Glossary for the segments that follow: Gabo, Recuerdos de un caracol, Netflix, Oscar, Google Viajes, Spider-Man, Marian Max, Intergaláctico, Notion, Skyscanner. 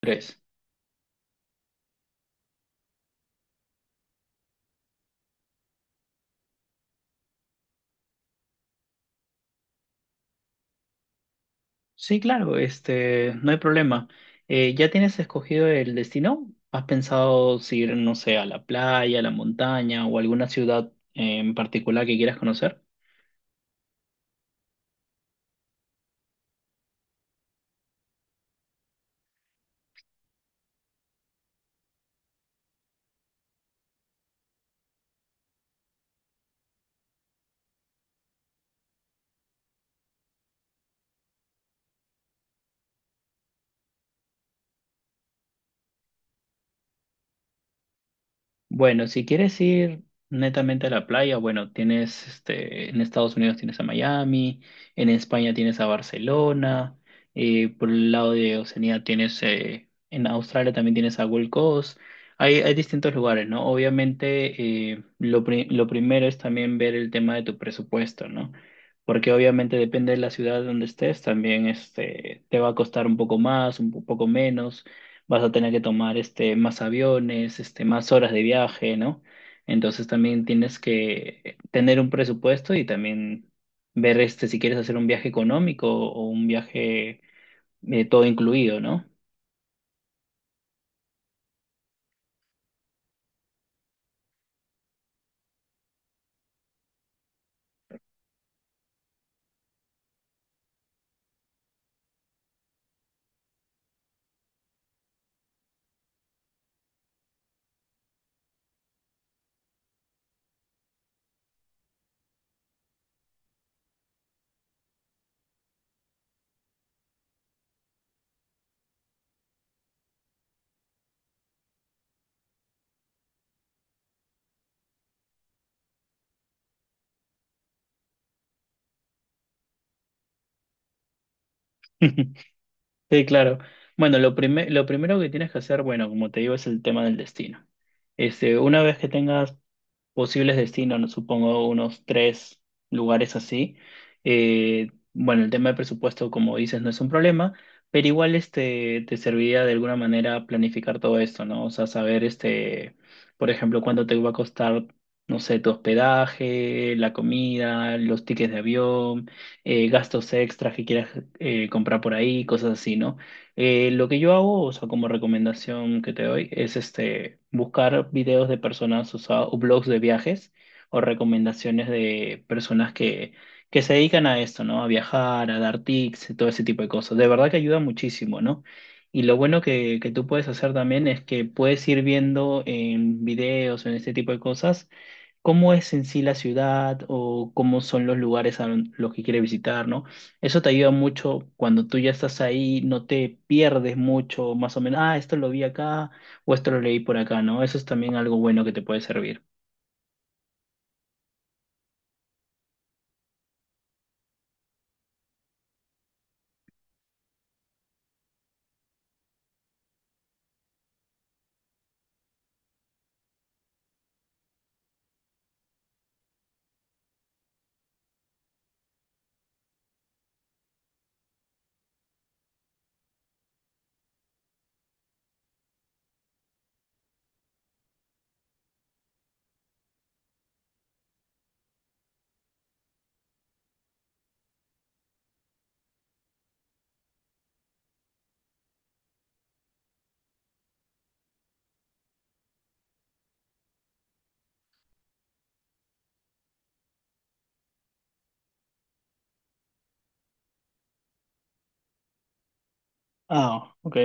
Tres. Sí, claro, no hay problema. ¿Ya tienes escogido el destino? ¿Has pensado si ir, no sé, a la playa, a la montaña o alguna ciudad en particular que quieras conocer? Bueno, si quieres ir netamente a la playa, bueno, tienes en Estados Unidos tienes a Miami, en España tienes a Barcelona, por el lado de Oceanía tienes, en Australia también tienes a Gold Coast. Hay distintos lugares, ¿no? Obviamente, lo primero es también ver el tema de tu presupuesto, ¿no? Porque obviamente depende de la ciudad donde estés, también te va a costar un poco más, poco menos, vas a tener que tomar más aviones, más horas de viaje, ¿no? Entonces también tienes que tener un presupuesto y también ver si quieres hacer un viaje económico o un viaje todo incluido, ¿no? Sí, claro. Bueno, lo primero que tienes que hacer, bueno, como te digo, es el tema del destino. Una vez que tengas posibles destinos, no supongo unos tres lugares así. Bueno, el tema de presupuesto, como dices, no es un problema, pero igual te serviría de alguna manera planificar todo esto, ¿no? O sea, saber, por ejemplo, cuánto te va a costar, no sé, tu hospedaje, la comida, los tickets de avión, gastos extras que quieras comprar por ahí, cosas así, ¿no? Lo que yo hago, o sea, como recomendación que te doy, es buscar videos de personas usadas o blogs de viajes o recomendaciones de personas que se dedican a esto, ¿no? A viajar, a dar tips, y todo ese tipo de cosas. De verdad que ayuda muchísimo, ¿no? Y lo bueno que tú puedes hacer también es que puedes ir viendo en videos, en este tipo de cosas cómo es en sí la ciudad o cómo son los lugares los que quiere visitar, ¿no? Eso te ayuda mucho cuando tú ya estás ahí, no te pierdes mucho, más o menos, ah, esto lo vi acá o esto lo leí por acá, ¿no? Eso es también algo bueno que te puede servir. Ah, ok.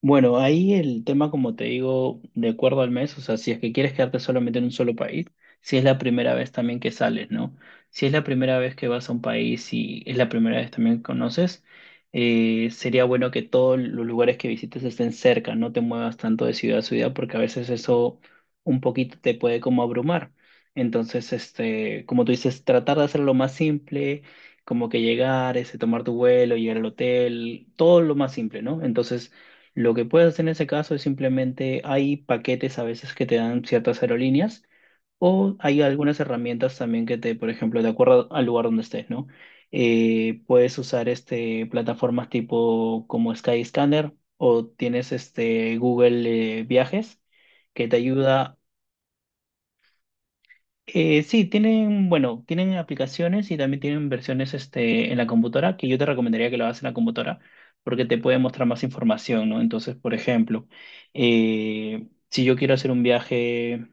Bueno, ahí el tema, como te digo, de acuerdo al mes, o sea, si es que quieres quedarte solamente en un solo país, si es la primera vez también que sales, ¿no? Si es la primera vez que vas a un país y es la primera vez también que conoces, sería bueno que todos los lugares que visites estén cerca, no te muevas tanto de ciudad a ciudad porque a veces eso un poquito te puede como abrumar. Entonces, como tú dices, tratar de hacerlo más simple, como que llegar, ese, tomar tu vuelo, llegar al hotel, todo lo más simple, ¿no? Entonces, lo que puedes hacer en ese caso es simplemente hay paquetes a veces que te dan ciertas aerolíneas o hay algunas herramientas también que te, por ejemplo, de acuerdo al lugar donde estés, ¿no? Puedes usar plataformas tipo como Skyscanner o tienes Google Viajes, que te ayuda. Sí, tienen, bueno, tienen aplicaciones y también tienen versiones en la computadora, que yo te recomendaría que lo hagas en la computadora, porque te puede mostrar más información, ¿no? Entonces, por ejemplo, si yo quiero hacer un viaje,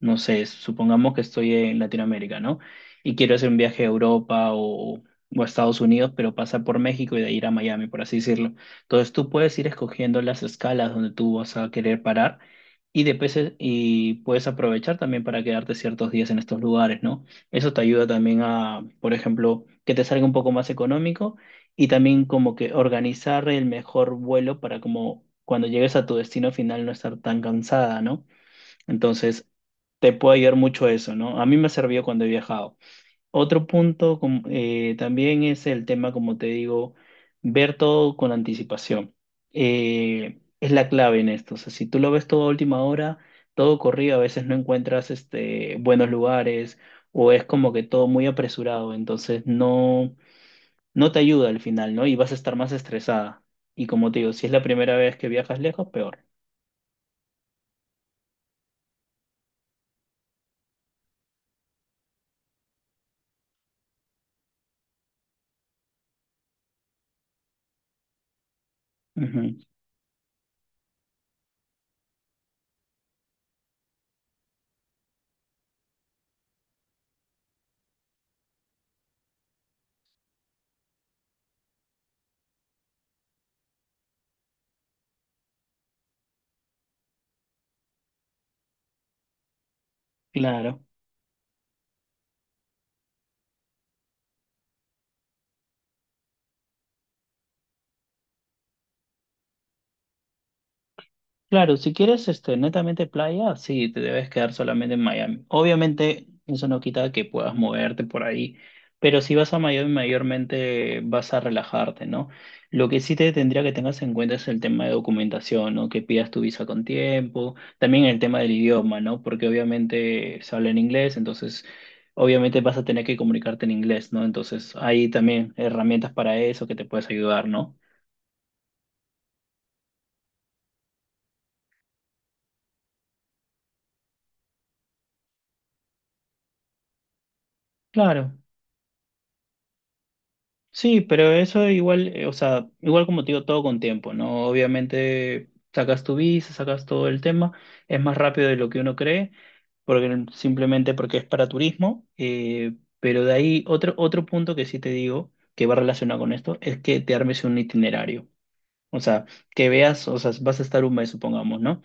no sé, supongamos que estoy en Latinoamérica, ¿no? Y quiero hacer un viaje a Europa o a Estados Unidos, pero pasar por México y de ahí ir a Miami, por así decirlo. Entonces tú puedes ir escogiendo las escalas donde tú vas a querer parar y, y puedes aprovechar también para quedarte ciertos días en estos lugares, ¿no? Eso te ayuda también a, por ejemplo, que te salga un poco más económico y también como que organizar el mejor vuelo para como cuando llegues a tu destino final no estar tan cansada, ¿no? Entonces, te puede ayudar mucho eso, ¿no? A mí me ha servido cuando he viajado. También es el tema, como te digo, ver todo con anticipación. Es la clave en esto. O sea, si tú lo ves todo a última hora, todo corrido, a veces no encuentras buenos lugares o es como que todo muy apresurado, entonces no, no te ayuda al final, ¿no? Y vas a estar más estresada. Y como te digo, si es la primera vez que viajas lejos, peor. Ujú. Claro. Claro, si quieres netamente playa, sí, te debes quedar solamente en Miami. Obviamente, eso no quita que puedas moverte por ahí, pero si vas a Miami, mayormente vas a relajarte, ¿no? Lo que sí te tendría que tengas en cuenta es el tema de documentación, ¿no? Que pidas tu visa con tiempo, también el tema del idioma, ¿no? Porque obviamente se habla en inglés, entonces obviamente vas a tener que comunicarte en inglés, ¿no? Entonces hay también herramientas para eso que te puedes ayudar, ¿no? Claro. Sí, pero eso igual, o sea, igual como te digo, todo con tiempo, ¿no? Obviamente sacas tu visa, sacas todo el tema, es más rápido de lo que uno cree, porque simplemente porque es para turismo, pero de ahí otro punto que sí te digo, que va relacionado con esto, es que te armes un itinerario. O sea, que veas, o sea, vas a estar un mes, supongamos, ¿no?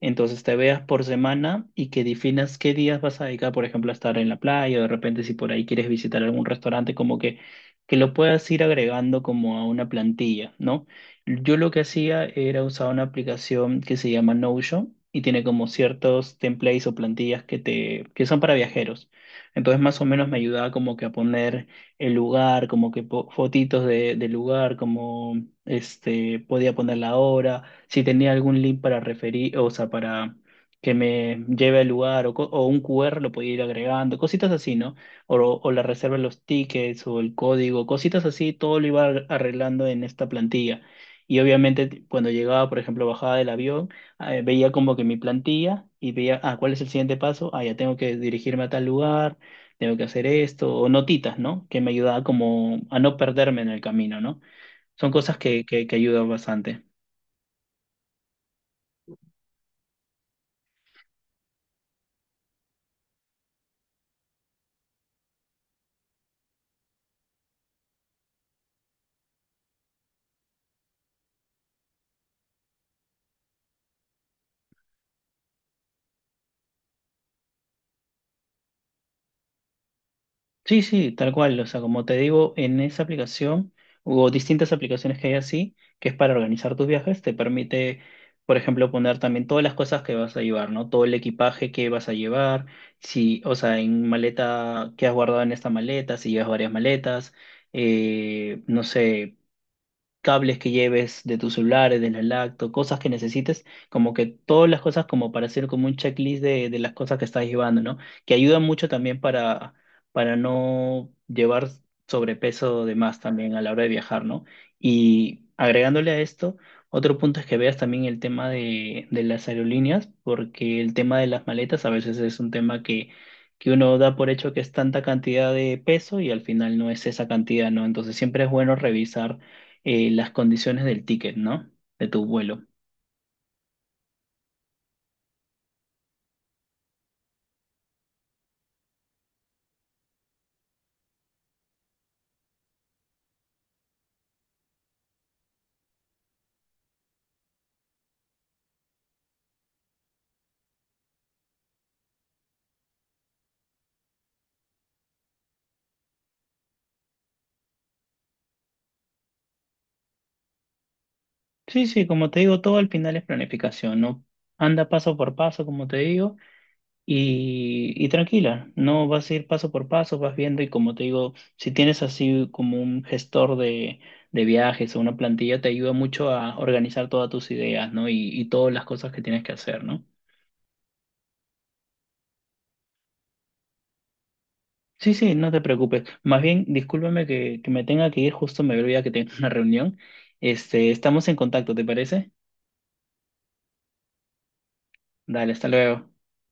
Entonces te veas por semana y que definas qué días vas a dedicar, por ejemplo, a estar en la playa, o de repente si por ahí quieres visitar algún restaurante, como que lo puedas ir agregando como a una plantilla, ¿no? Yo lo que hacía era usar una aplicación que se llama Notion y tiene como ciertos templates o plantillas que te, que son para viajeros. Entonces más o menos me ayudaba como que a poner el lugar, como que fotitos de, del lugar, como podía poner la hora, si tenía algún link para referir, o sea, para que me lleve al lugar, o, o un QR lo podía ir agregando, cositas así, ¿no? O la reserva de los tickets, o el código, cositas así, todo lo iba arreglando en esta plantilla. Y obviamente cuando llegaba, por ejemplo, bajaba del avión, veía como que mi plantilla y veía, ah, ¿cuál es el siguiente paso? Ah, ya tengo que dirigirme a tal lugar, tengo que hacer esto, o notitas, ¿no? Que me ayudaba como a no perderme en el camino, ¿no? Son cosas que ayudan bastante. Sí, sí, tal cual. O sea, como te digo, en esa aplicación o distintas aplicaciones que hay así, que es para organizar tus viajes, te permite, por ejemplo, poner también todas las cosas que vas a llevar, ¿no? Todo el equipaje que vas a llevar, si, o sea, en maleta, qué has guardado en esta maleta, si llevas varias maletas, no sé, cables que lleves de tus celulares, de la lacto, cosas que necesites, como que todas las cosas como para hacer como un checklist de las cosas que estás llevando, ¿no? Que ayuda mucho también para no llevar sobrepeso de más también a la hora de viajar, ¿no? Y agregándole a esto, otro punto es que veas también el tema de las aerolíneas, porque el tema de las maletas a veces es un tema que uno da por hecho que es tanta cantidad de peso y al final no es esa cantidad, ¿no? Entonces siempre es bueno revisar las condiciones del ticket, ¿no? De tu vuelo. Sí, sí, como te digo, todo al final es planificación, ¿no? Anda paso por paso, como te digo, y tranquila, no vas a ir paso por paso, vas viendo y como te digo, si tienes así como un gestor de viajes o una plantilla, te ayuda mucho a organizar todas tus ideas, ¿no? Y todas las cosas que tienes que hacer, ¿no? Sí, sí, no te preocupes. Más bien, discúlpame que me tenga que ir, justo me olvidé que tengo una reunión. Este, estamos en contacto, ¿te parece? Dale, hasta luego.